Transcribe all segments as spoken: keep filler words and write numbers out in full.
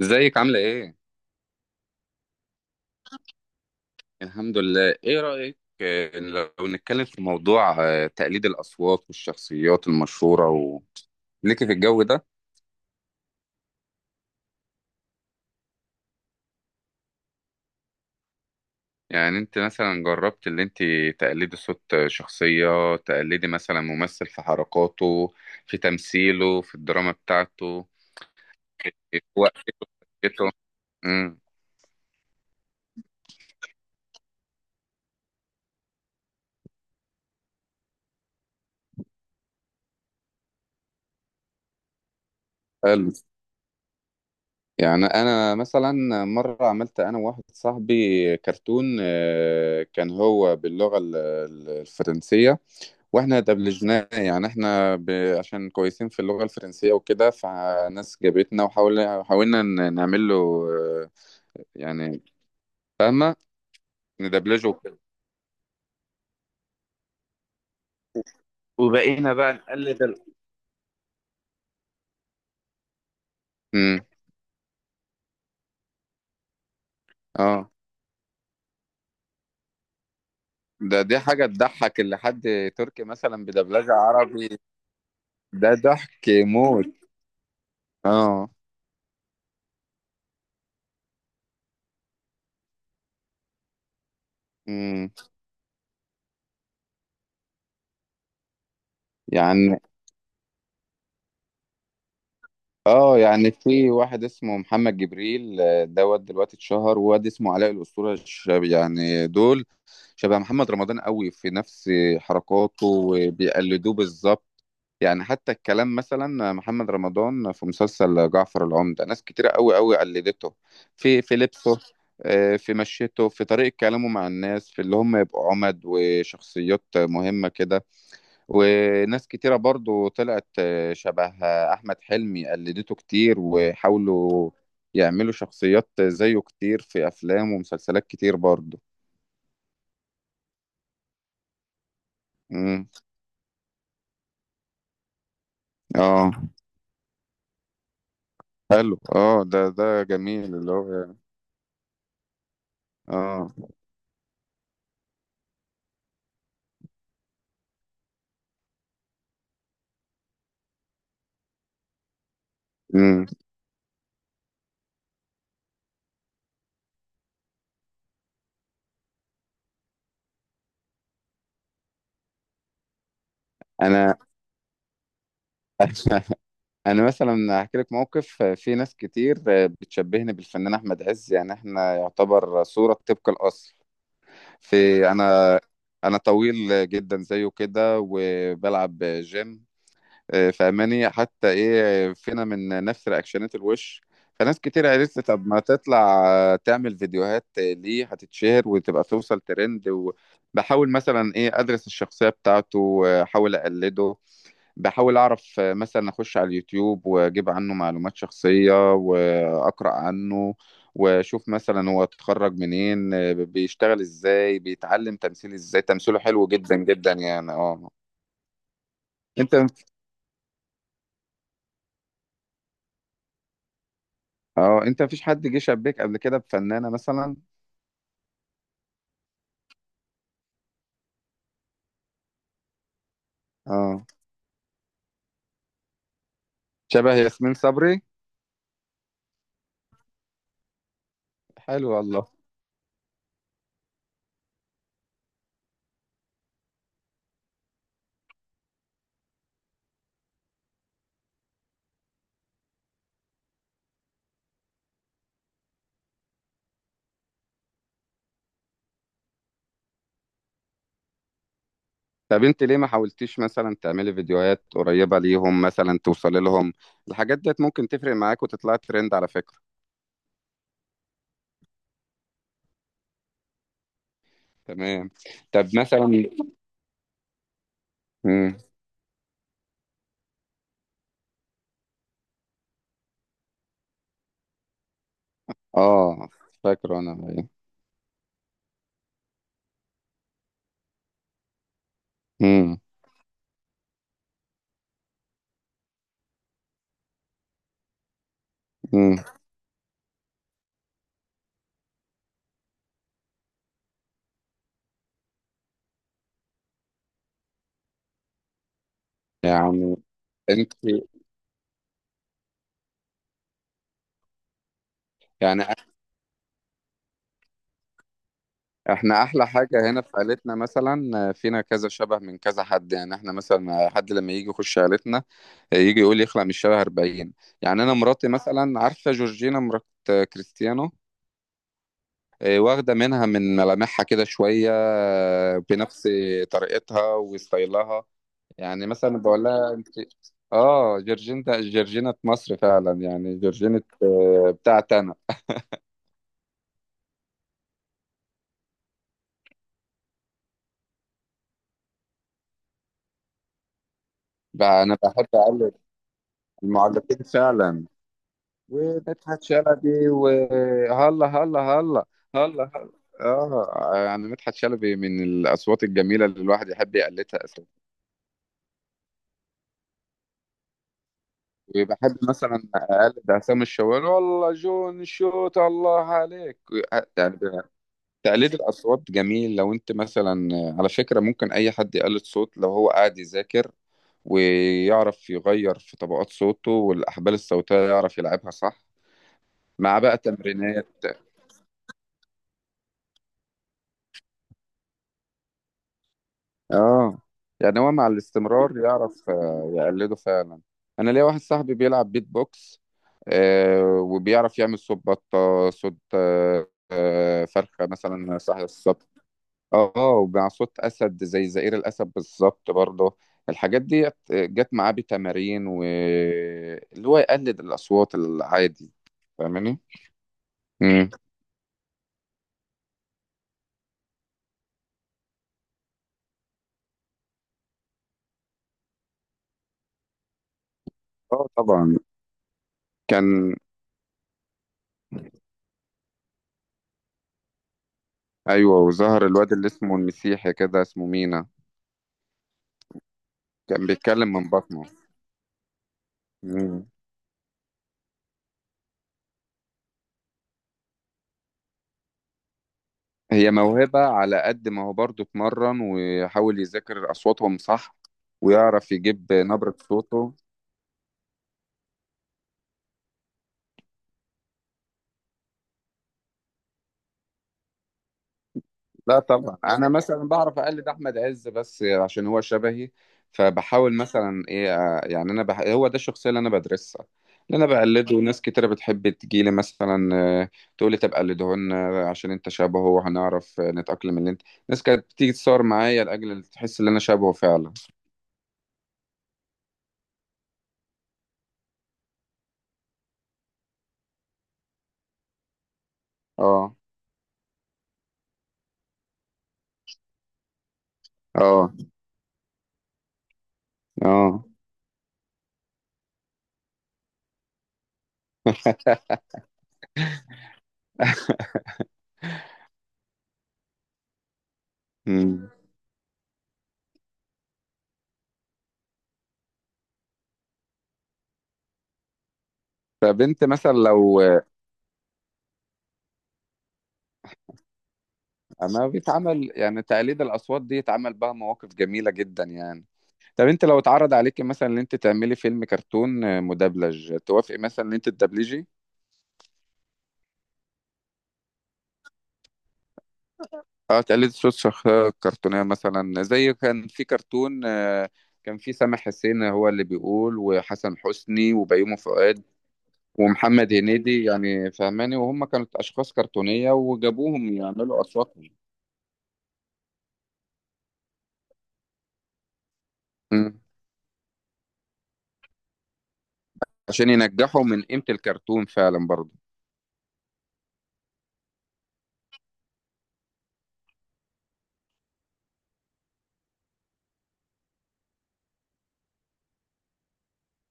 ازيك عاملة ايه؟ الحمد لله، ايه رأيك آه، لو نتكلم في موضوع آه، تقليد الأصوات والشخصيات المشهورة و... ليكي في الجو ده؟ يعني انت مثلا جربت اللي انت تقلدي صوت شخصية، تقلدي مثلا ممثل في حركاته، في تمثيله، في الدراما بتاعته، في وقته، في حركته. امم. حلو. يعني انا مثلا مره عملت انا وواحد صاحبي كرتون، آه، كان هو باللغه ال- ال- الفرنسيه، واحنا اتقبلجناه. يعني احنا ب... عشان كويسين في اللغة الفرنسية وكده، فناس جابتنا وحاولنا حاولنا ن- نعمل له آه، يعني، فاهمة؟ ندبلجه وكده، وبقينا بقى نقلد ال... امم. اه. ده دي حاجة تضحك، اللي حد تركي مثلا بدبلجة عربي. ده ضحك موت. اه. امم. يعني اه يعني في واحد اسمه محمد جبريل، آه، دوت دلوقتي اتشهر، وواد اسمه علاء الأسطورة الشاب. يعني دول شبه محمد رمضان قوي، في نفس حركاته وبيقلدوه بالظبط. يعني حتى الكلام، مثلا محمد رمضان في مسلسل جعفر العمدة، ناس كتيرة قوي قوي قلدته في في لبسه، آه، في مشيته، في طريقة كلامه مع الناس، في اللي هم يبقوا عمد وشخصيات مهمة كده. وناس كتيرة برضو طلعت آه، شبه آه، أحمد حلمي، قلدته كتير، وحاولوا يعملوا شخصيات زيه كتير في أفلام ومسلسلات كتير برضو. مم. اه. حلو. اه. ده ده جميل اللي هو. اه. مم. انا انا مثلا هحكي لك موقف. آه، في ناس كتير آه، بتشبهني بالفنان احمد عز، يعني احنا يعتبر صورة طبق الاصل. في انا انا طويل جدا زيه كده، وبلعب جيم، آه، فاهماني؟ حتى ايه فينا من نفس رياكشنات الوش. فناس كتير قالت لي طب ما تطلع، آه، تعمل فيديوهات، آه، ليه هتتشهر وتبقى توصل ترند؟ وبحاول مثلا ايه ادرس الشخصية بتاعته، آه، احاول اقلده، بحاول اعرف، آه، مثلا اخش على اليوتيوب واجيب عنه معلومات شخصية واقرأ عنه، واشوف مثلا هو اتخرج منين، آه، بيشتغل ازاي، بيتعلم تمثيل ازاي. تمثيله حلو جدا جدا يعني. اه. انت اه انت مفيش حد جه شبيك قبل كده بفنانة مثلا؟ اه، شبه ياسمين صبري. حلو والله. طب انت ليه ما حاولتيش مثلا تعملي فيديوهات قريبة ليهم، مثلا توصلي لهم؟ الحاجات ديت ممكن تفرق معاك وتطلعي ترند، على فكرة. تمام. طب مثلا. مم. اه. فاكره انا. مم. مم. يعني انت يعني احنا احلى حاجة هنا في عيلتنا، مثلا فينا كذا شبه من كذا حد. يعني احنا مثلا، حد لما يجي يخش عيلتنا يجي يقول يخلق من الشبه أربعين. يعني انا مراتي مثلا، عارفة جورجينا مرات كريستيانو؟ اه، واخدة منها من ملامحها كده شوية، اه، بنفس طريقتها وستايلها. يعني مثلا بقول لها انت اه جورجينا. جورجينا مصر فعلا، يعني جورجينا، اه، بتاعت انا. بقى انا بحب اقلد المعلقين فعلا، ومدحت شلبي، وهلا هلا هلا هلا هلا. اه، يعني مدحت شلبي من الاصوات الجميله اللي الواحد يحب يقلدها اساسا. وبحب مثلا اقلد عصام الشوالي، والله جون شوت الله عليك. يعني تقليد الاصوات جميل، لو انت مثلا، على فكره، ممكن اي حد يقلد صوت لو هو قاعد يذاكر، ويعرف يغير في طبقات صوته، والاحبال الصوتيه يعرف يلعبها صح مع بقى تمرينات. اه، يعني هو مع الاستمرار يعرف آه، يقلده فعلا. انا ليا واحد صاحبي بيلعب بيت بوكس، آه، وبيعرف يعمل صوت بطة، صوت آه، آه، فرخة مثلا، صح الصوت. اه، ومع صوت اسد، زي زئير الاسد بالظبط برضه. الحاجات دي جت معاه بتمارين، و اللي هو يقلد الاصوات العادي. فاهماني؟ امم. اه طبعا. كان ايوه، وظهر الواد اللي اسمه المسيحي كده، اسمه مينا، كان بيتكلم من بطنه. مم. هي موهبة على قد ما هو برضه اتمرن ويحاول يذاكر أصواتهم، صح؟ ويعرف يجيب نبرة صوته. لا طبعا، أنا مثلا بعرف أقلد أحمد عز بس عشان هو شبهي. فبحاول مثلا إيه، آه، يعني أنا بح... هو ده الشخصية اللي أنا بدرسها، اللي أنا بقلده. ناس كتيرة بتحب تجيلي مثلا، آه، تقولي طب قلده لنا عشان أنت شبهه، وهنعرف، آه، نتأقلم. اللي أنت ناس كانت بتيجي تصور معايا، لأجل تحس إن أنا شبهه فعلا. أه. أه. أه. مم. فبنت مثلا لو ما بيتعمل، يعني تقليد الأصوات دي اتعمل بها مواقف جميلة جدا يعني. طب انت لو اتعرض عليك مثلا ان انت تعملي فيلم كرتون مدبلج، توافقي مثلا ان انت تدبلجي؟ اه، تقلد صوت شخصية كرتونية، مثلا زي كان في كرتون، آه، كان في سامح حسين هو اللي بيقول، وحسن حسني، وبيومي فؤاد، ومحمد هنيدي، يعني فهماني؟ وهم كانت أشخاص كرتونية، وجابوهم يعملوا أصواتهم. مم. عشان ينجحوا من قيمة الكرتون فعلا برضه.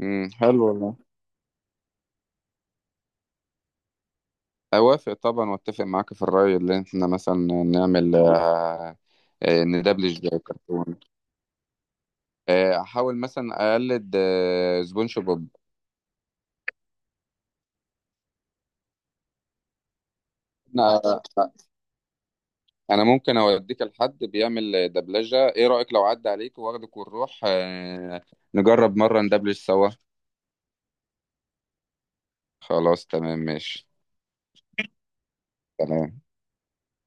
امم، حلو والله، اوافق طبعا، واتفق معاك في الرأي، اللي احنا مثلا نعمل، آه، آه، ندبلج كرتون. آه، احاول مثلا اقلد آه، سبونج بوب. انا انا ممكن اوديك لحد بيعمل دبلجة. ايه رأيك لو عدى عليك واخدك ونروح، آه، نجرب مرة ندبلج سوا؟ خلاص تمام ماشي. تمام.